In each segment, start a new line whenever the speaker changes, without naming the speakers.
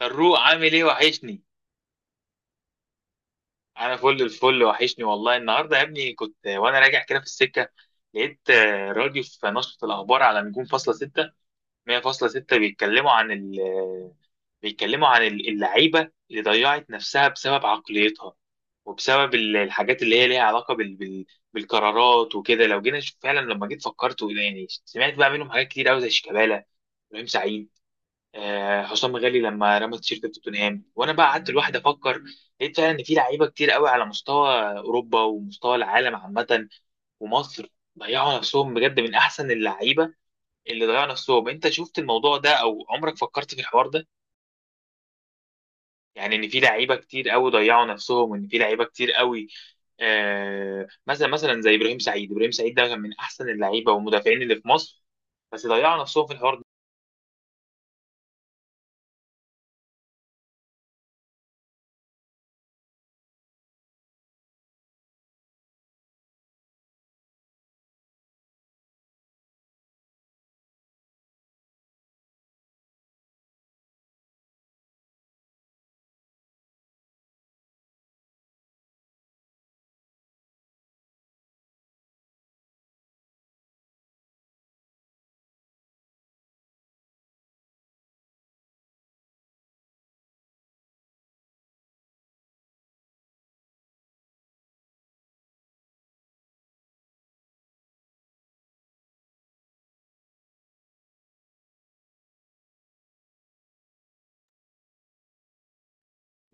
فاروق، عامل ايه؟ وحشني. انا فل الفل. وحشني والله. النهارده يا ابني كنت وانا راجع كده في السكه لقيت راديو في نشرة الاخبار على نجوم فاصلة ستة مية فاصلة ستة. بيتكلموا عن اللعيبه اللي ضيعت نفسها بسبب عقليتها، وبسبب الحاجات اللي هي ليها علاقه بالقرارات وكده. لو جينا نشوف فعلا، لما جيت فكرت وإيه يعني، سمعت بقى منهم حاجات كتير قوي زي شيكابالا، ابراهيم سعيد، حسام غالي لما رمى التيشيرت في توتنهام. وانا بقى قعدت لوحدي افكر، لقيت فعلا ان في لعيبه كتير قوي على مستوى اوروبا ومستوى العالم عامه ومصر ضيعوا نفسهم بجد، من احسن اللعيبه اللي ضيعوا نفسهم. انت شفت الموضوع ده او عمرك فكرت في الحوار ده؟ يعني ان في لعيبه كتير قوي ضيعوا نفسهم، وان في لعيبه كتير قوي، مثلا زي ابراهيم سعيد ده كان من احسن اللعيبه والمدافعين اللي في مصر، بس ضيعوا نفسهم في الحوار ده.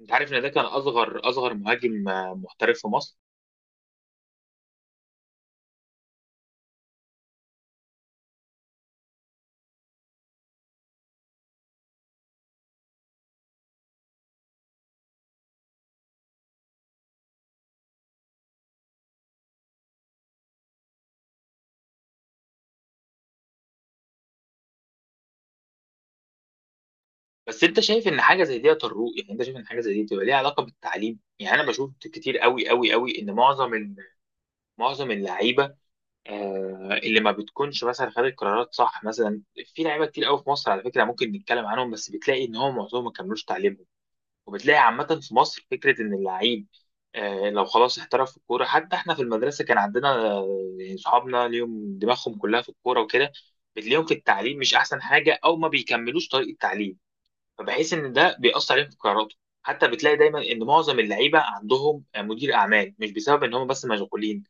انت عارف ان ده كان اصغر مهاجم محترف في مصر. بس انت شايف ان حاجه زي دي تروق؟ يعني انت شايف ان حاجه زي دي بتبقى ليها علاقه بالتعليم؟ يعني انا بشوف كتير قوي قوي قوي ان معظم معظم اللعيبه، اللي ما بتكونش مثلا خدت قرارات صح مثلا. في لعيبه كتير قوي في مصر على فكره ممكن نتكلم عنهم، بس بتلاقي ان هم معظمهم ما كملوش تعليمهم. وبتلاقي عامه في مصر فكره ان اللعيب لو خلاص احترف في الكوره. حتى احنا في المدرسه كان عندنا، يعني صحابنا ليهم دماغهم كلها في الكوره وكده، بتلاقيهم في التعليم مش احسن حاجه او ما بيكملوش طريق التعليم. فبحس ان ده بيأثر عليهم في قراراته. حتى بتلاقي دايما ان معظم اللعيبه عندهم مدير اعمال، مش بسبب ان هم بس مشغولين.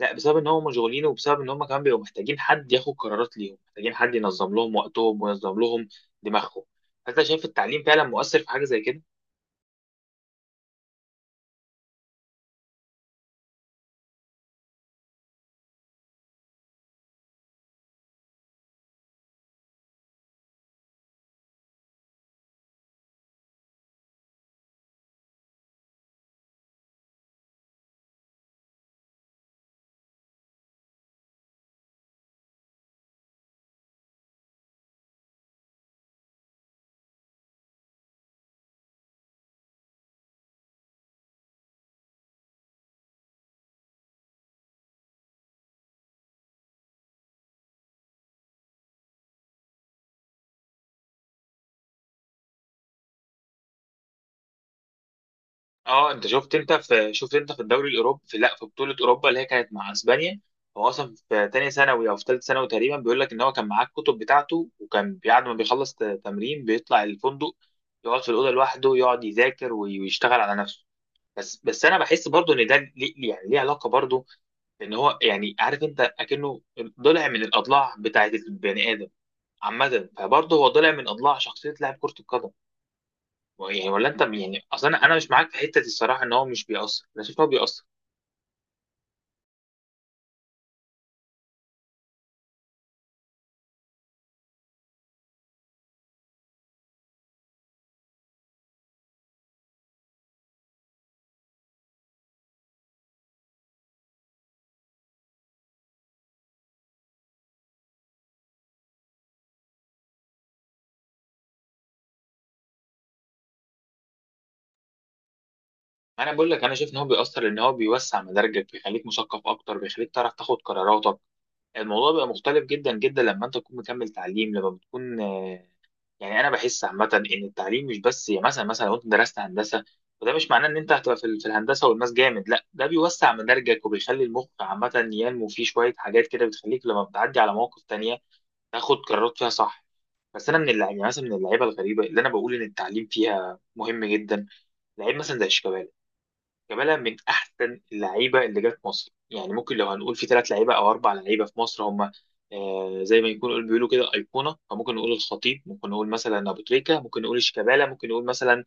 لا، بسبب ان هم مشغولين، وبسبب ان هم كمان بيبقوا محتاجين حد ياخد قرارات ليهم، محتاجين حد ينظم لهم وقتهم وينظم لهم دماغهم. فانت شايف التعليم فعلا مؤثر في حاجه زي كده؟ اه. انت شفت، انت في الدوري الاوروبي، في، لا، في بطوله اوروبا اللي هي كانت مع اسبانيا، هو اصلا في تانية ثانوي او في ثالثه ثانوي تقريبا، بيقول لك ان هو كان معاه الكتب بتاعته، وكان بعد ما بيخلص تمرين بيطلع الفندق يقعد في الاوضه لوحده، يقعد يذاكر ويشتغل على نفسه. بس انا بحس برضو ان ده ليه يعني ليه علاقه برضو. ان هو يعني، عارف انت، اكنه ضلع من الاضلاع بتاعت البني ادم عامه، فبرضه هو ضلع من اضلاع شخصيه لاعب كره القدم. يعني ولا انت يعني، اصلا أنا مش معاك في حته الصراحه ان هو مش بيأثر. انا شايف ان هو بيأثر. انا بقول لك، انا شايف ان هو بيأثر لان هو بيوسع مداركك، بيخليك مثقف اكتر، بيخليك تعرف تاخد قراراتك. الموضوع بقى مختلف جدا جدا لما انت تكون مكمل تعليم، لما بتكون يعني انا بحس عامه ان التعليم مش بس، يعني مثلا لو انت درست هندسه، وده مش معناه ان انت هتبقى في في الهندسه والماس جامد. لا، ده بيوسع مداركك وبيخلي المخ عامه ينمو فيه شويه حاجات كده، بتخليك لما بتعدي على مواقف تانية تاخد قرارات فيها صح. بس انا من اللعيبه، يعني مثلا من اللعيبه الغريبه اللي انا بقول ان التعليم فيها مهم جدا، لعيب مثلا زي شيكابالا. شيكابالا من احسن اللعيبه اللي جت مصر. يعني ممكن لو هنقول في ثلاث لعيبه او اربع لعيبه في مصر هم زي ما يكون بيقولوا كده ايقونه، فممكن نقول الخطيب، ممكن نقول مثلا ابو تريكه، ممكن نقول شيكابالا، ممكن نقول مثلا،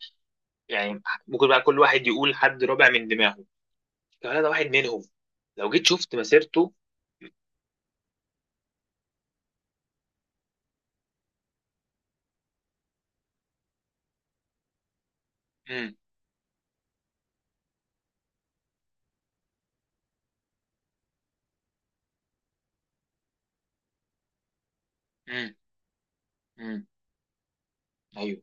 يعني ممكن بقى كل واحد يقول حد رابع من دماغه. شيكابالا ده واحد منهم. لو جيت شفت مسيرته. امم. امم. امم. ايوه،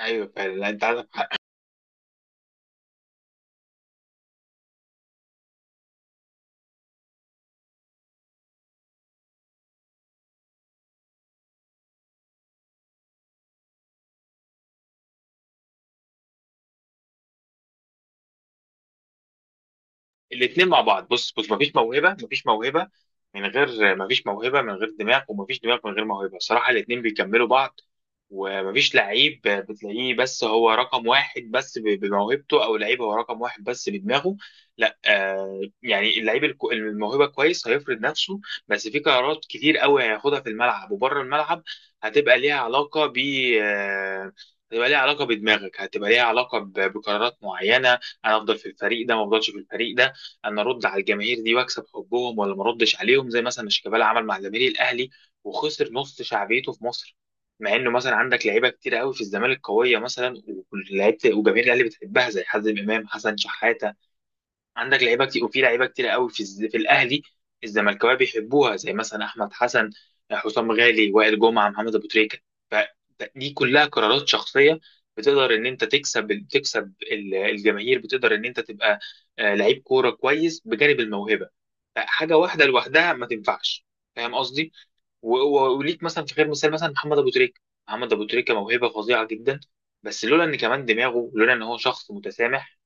ايوه فعلا. لا، انت. الاثنين مع بعض. بص بص، مفيش موهبه من غير مفيش موهبه من غير دماغ، ومفيش دماغ من غير موهبه. الصراحه الاثنين بيكملوا بعض، ومفيش لعيب بتلاقيه بس هو رقم واحد بس بموهبته، او لعيب هو رقم واحد بس بدماغه. لا، يعني اللعيب الموهبه كويس هيفرض نفسه، بس في قرارات كتير قوي هياخدها في الملعب وبره الملعب، هتبقى ليها علاقه ب آه، هتبقى ليها علاقه بدماغك، هتبقى ليها علاقه بقرارات معينه. انا افضل في الفريق ده ما افضلش في الفريق ده. انا ارد على الجماهير دي واكسب حبهم ولا ما اردش عليهم، زي مثلا شيكابالا عمل مع جماهير الاهلي وخسر نص شعبيته في مصر. مع انه مثلا عندك لعيبه كتير قوي في الزمالك قويه مثلا، ولعيبه وجماهير الاهلي بتحبها زي حازم امام، حسن شحاته. عندك لعيبه كتير، وفي لعيبه كتير قوي في في الاهلي الزملكاويه بيحبوها، زي مثلا احمد حسن، حسام غالي، وائل جمعه، محمد ابو تريكه. فدي كلها قرارات شخصيه. بتقدر ان انت تكسب، الجماهير، بتقدر ان انت تبقى لعيب كوره كويس بجانب الموهبه. فحاجه واحده لوحدها ما تنفعش، فاهم قصدي؟ وليك مثلا في غير مثال، مثلا محمد ابو تريكه. محمد ابو تريكه موهبه فظيعه جدا، بس لولا ان كمان دماغه، لولا ان هو شخص متسامح،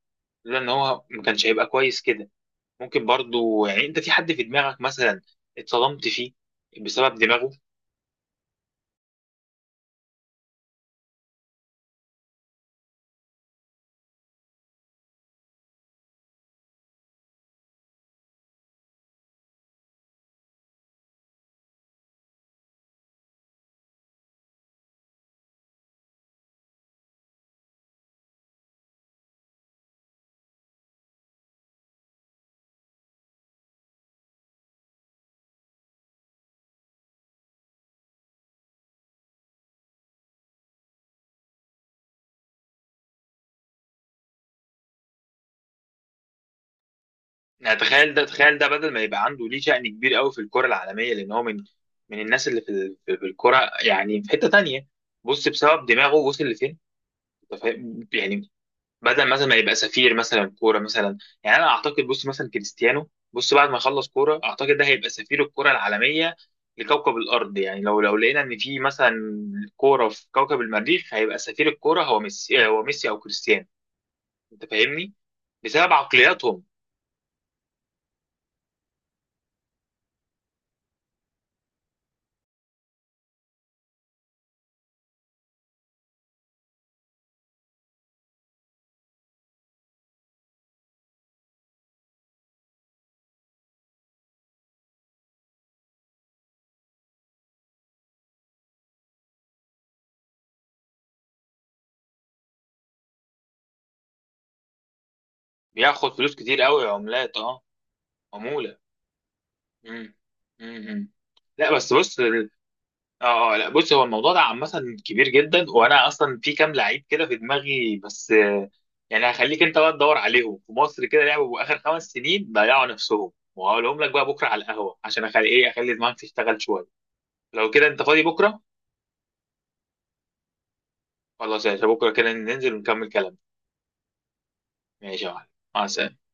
لولا ان هو، ما كانش هيبقى كويس كده. ممكن برضو، يعني انت في حد في دماغك مثلا اتصدمت فيه بسبب دماغه؟ يعني تخيل ده، تخيل ده، بدل ما يبقى عنده ليه شأن كبير قوي في الكرة العالمية، لان هو من الناس اللي في في الكرة، يعني في حتة تانية. بص بسبب دماغه وصل لفين. أنت فاهم؟ يعني بدل مثلا ما يبقى سفير مثلا كوره مثلا. يعني انا اعتقد، بص مثلا كريستيانو بص، بعد ما يخلص كوره اعتقد ده هيبقى سفير الكوره العالميه لكوكب الارض. يعني لو لقينا ان في مثلا كوره في كوكب المريخ، هيبقى سفير الكوره هو ميسي او كريستيانو. انت فاهمني؟ بسبب عقلياتهم. بياخد فلوس كتير قوي، عملات. اه. عموله. امم. امم. لا بس بص. اه، اه، لا بص، هو الموضوع ده عامة كبير جدا. وانا اصلا في كام لعيب كده في دماغي، بس يعني هخليك انت بقى تدور عليهم في مصر كده، لعبوا اخر 5 سنين ضيعوا نفسهم، وهقولهم لك بقى بكره على القهوة، عشان اخلي ايه، اخلي دماغك تشتغل شوية. لو كده انت فاضي بكره. خلاص يا باشا، بكره كده ننزل ونكمل كلام. ماشي يا معلم. مع السلامة.